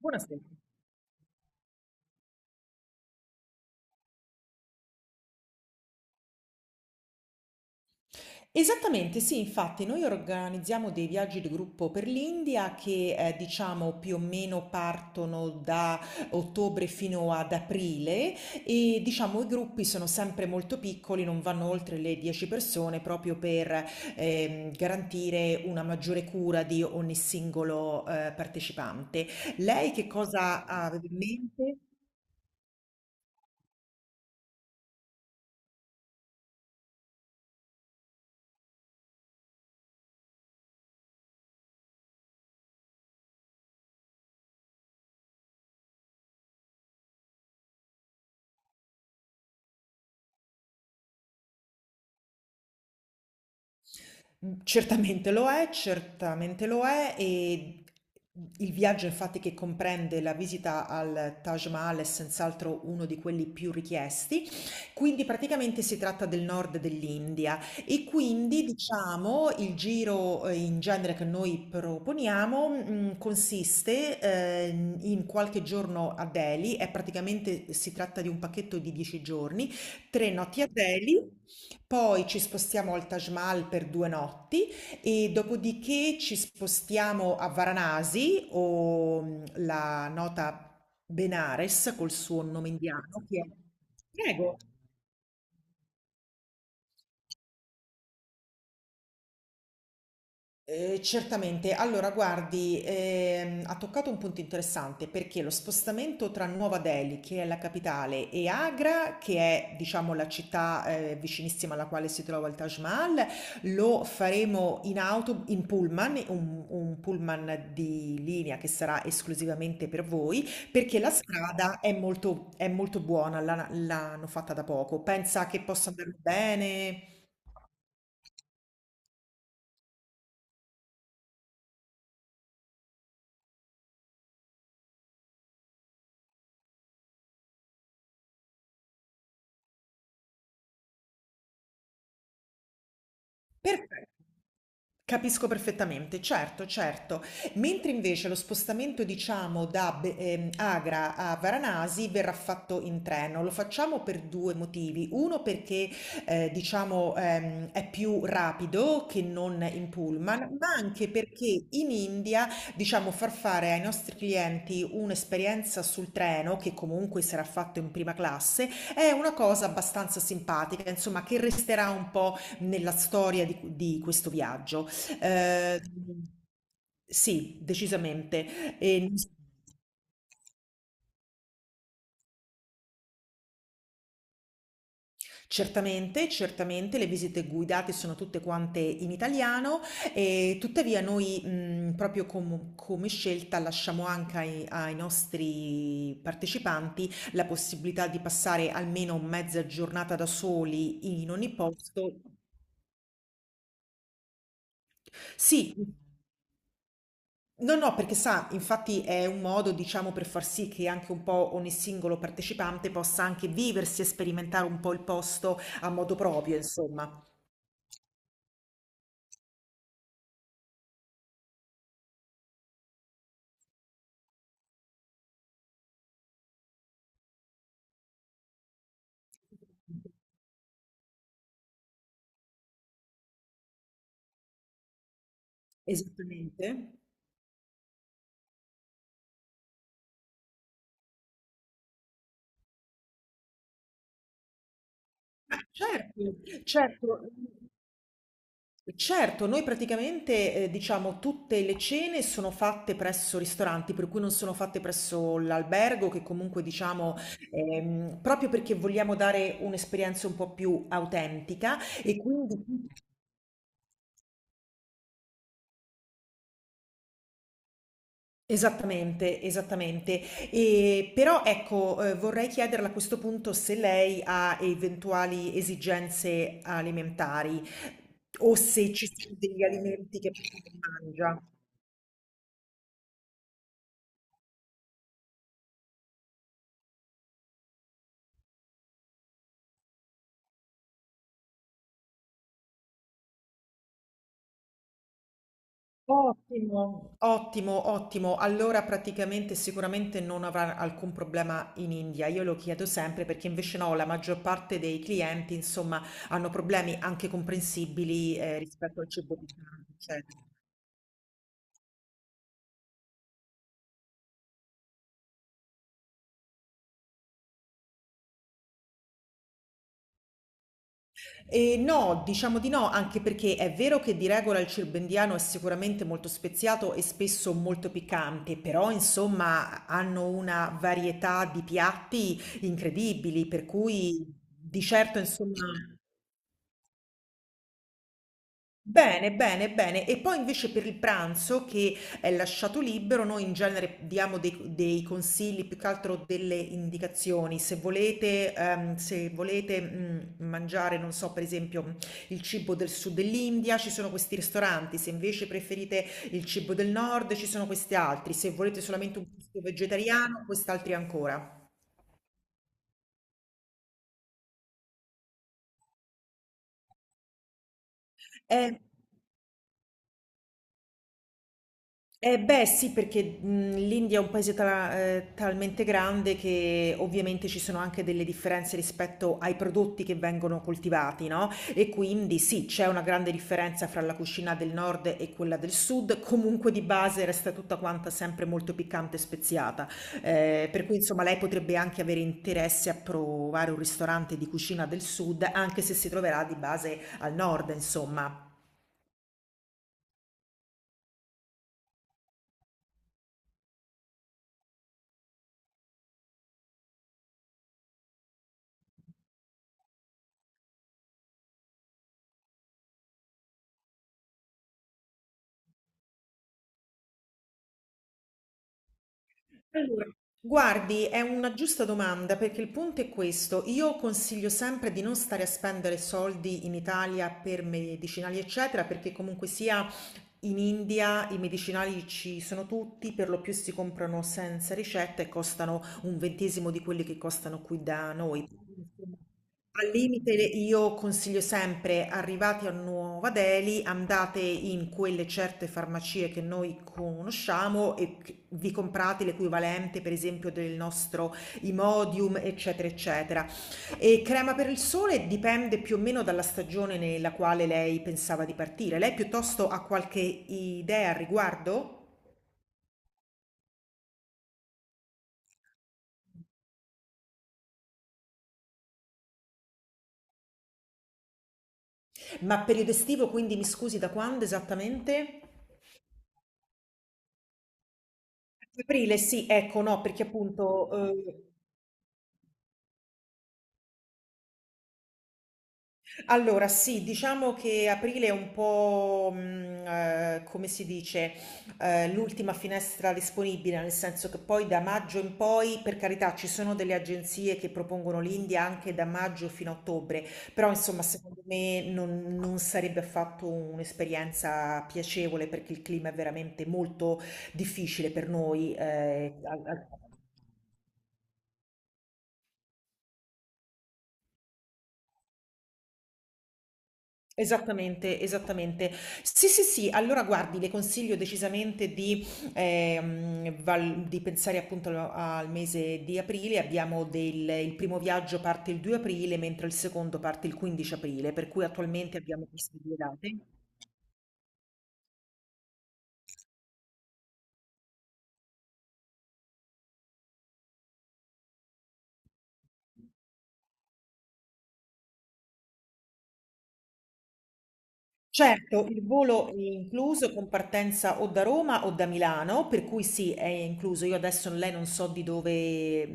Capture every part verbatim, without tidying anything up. Buonasera. Esattamente, sì, infatti noi organizziamo dei viaggi di gruppo per l'India che eh, diciamo più o meno partono da ottobre fino ad aprile e diciamo i gruppi sono sempre molto piccoli, non vanno oltre le dieci persone proprio per ehm, garantire una maggiore cura di ogni singolo eh, partecipante. Lei che cosa aveva in mente? Certamente lo è, certamente lo è e il viaggio infatti che comprende la visita al Taj Mahal è senz'altro uno di quelli più richiesti, quindi praticamente si tratta del nord dell'India e quindi diciamo il giro eh, in genere che noi proponiamo mh, consiste eh, in qualche giorno a Delhi, è praticamente si tratta di un pacchetto di dieci giorni, tre notti a Delhi. Poi ci spostiamo al Taj Mahal per due notti e dopodiché ci spostiamo a Varanasi o mh, la nota Benares col suo nome indiano, che è... Prego. Eh, certamente, allora guardi, ehm, ha toccato un punto interessante perché lo spostamento tra Nuova Delhi, che è la capitale, e Agra, che è diciamo la città eh, vicinissima alla quale si trova il Taj Mahal, lo faremo in auto, in pullman, un, un pullman di linea che sarà esclusivamente per voi, perché la strada è molto, è molto buona, la- l'hanno fatta da poco. Pensa che possa andare bene? Perfe Capisco perfettamente, certo, certo. Mentre invece lo spostamento diciamo da Be ehm, Agra a Varanasi verrà fatto in treno. Lo facciamo per due motivi. Uno perché, ehm, diciamo, ehm, è più rapido che non in pullman, ma anche perché in India, diciamo, far fare ai nostri clienti un'esperienza sul treno, che comunque sarà fatto in prima classe, è una cosa abbastanza simpatica, insomma, che resterà un po' nella storia di, di questo viaggio. Eh, sì, decisamente. E non so- Certamente, certamente le visite guidate sono tutte quante in italiano e tuttavia noi mh, proprio com- come scelta lasciamo anche ai, ai nostri partecipanti la possibilità di passare almeno mezza giornata da soli in ogni posto. Sì. No, no, perché sa, infatti è un modo, diciamo, per far sì che anche un po' ogni singolo partecipante possa anche viversi e sperimentare un po' il posto a modo proprio, insomma. Esattamente. Ah, certo, certo. Certo, noi praticamente, eh, diciamo, tutte le cene sono fatte presso ristoranti, per cui non sono fatte presso l'albergo, che comunque, diciamo, ehm, proprio perché vogliamo dare un'esperienza un po' più autentica e quindi esattamente, esattamente. Ehm, però ecco, uhm, vorrei chiederle a questo punto se lei ha eventuali esigenze alimentari o se ci sono degli alimenti che non mangia. Ottimo, ottimo, ottimo. Allora praticamente sicuramente non avrà alcun problema in India. Io lo chiedo sempre perché invece no, la maggior parte dei clienti insomma hanno problemi anche comprensibili, ehm, rispetto al cibo di eccetera. Ehm, no, diciamo di no, anche perché è vero che di regola il cirbendiano è sicuramente molto speziato e spesso molto piccante, però insomma hanno una varietà di piatti incredibili, per cui di certo insomma bene, bene, bene. E poi invece per il pranzo che è lasciato libero, noi in genere diamo dei, dei consigli, più che altro delle indicazioni. Se volete, ehm, se volete mh, mangiare, non so, per esempio il cibo del sud dell'India, ci sono questi ristoranti. Se invece preferite il cibo del nord, ci sono questi altri. Se volete solamente un posto vegetariano, quest'altri ancora. Eh, Eh beh sì, perché, mhmm, l'India è un paese ta ehm, talmente grande che ovviamente ci sono anche delle differenze rispetto ai prodotti che vengono coltivati, no, e quindi sì, c'è una grande differenza fra la cucina del nord e quella del sud, comunque di base resta tutta quanta sempre molto piccante e speziata. Ehm, per cui insomma lei potrebbe anche avere interesse a provare un ristorante di cucina del sud, anche se si troverà di base al nord insomma. Allora, guardi, è una giusta domanda perché il punto è questo. Io consiglio sempre di non stare a spendere soldi in Italia per medicinali, eccetera, perché comunque sia in India i medicinali ci sono tutti, per lo più si comprano senza ricetta e costano un ventesimo di quelli che costano qui da noi. Al limite io consiglio sempre, arrivati a Nuova Delhi, andate in quelle certe farmacie che noi conosciamo e che- vi comprate l'equivalente, per esempio, del nostro Imodium, eccetera, eccetera. E crema per il sole dipende più o meno dalla stagione nella quale lei pensava di partire. Lei piuttosto ha qualche idea al riguardo? Ma periodo estivo, quindi mi scusi, da quando esattamente? Aprile, sì, ecco, no, perché appunto eh, allora, sì, diciamo che aprile è un po', mh, eh, come si dice, eh, l'ultima finestra disponibile, nel senso che poi da maggio in poi, per carità, ci sono delle agenzie che propongono l'India anche da maggio fino a ottobre, però insomma, secondo me non, non sarebbe affatto un'esperienza piacevole perché il clima è veramente molto difficile per noi. eh, al- al- Esattamente, esattamente. Sì, sì, sì, allora guardi, le consiglio decisamente di, ehm, val- di pensare appunto al, al mese di aprile. Abbiamo del, il primo viaggio parte il due aprile, mentre il secondo parte il quindici aprile, per cui attualmente abbiamo queste due date. Certo, il volo è incluso con partenza o da Roma o da Milano, per cui sì, è incluso. Io adesso lei non so di dove,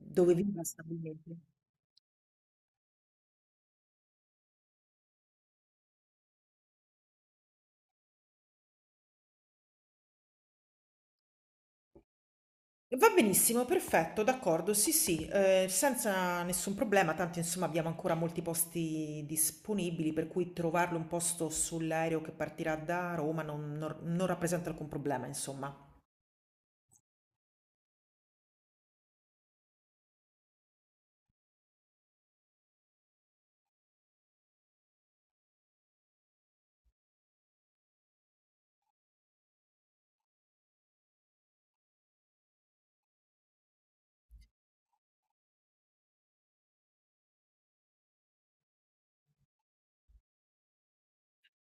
dove viva stabilmente. Va benissimo, perfetto, d'accordo, sì, sì, ehm, senza nessun problema, tanto insomma abbiamo ancora molti posti disponibili, per cui trovarle un posto sull'aereo che partirà da Roma non non non rappresenta alcun problema, insomma.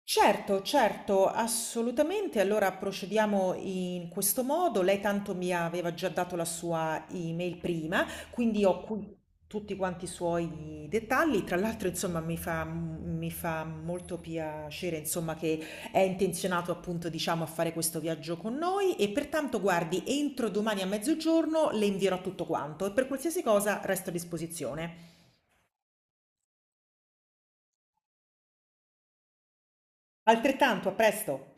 Certo, certo, assolutamente. Allora procediamo in questo modo. Lei tanto mi aveva già dato la sua email prima, quindi ho qui tutti quanti i suoi dettagli. Tra l'altro, insomma, mi fa, mi fa molto piacere, insomma, che è intenzionato appunto, diciamo, a fare questo viaggio con noi e pertanto, guardi, entro domani a mezzogiorno le invierò tutto quanto e per qualsiasi cosa resto a disposizione. Altrettanto, a presto!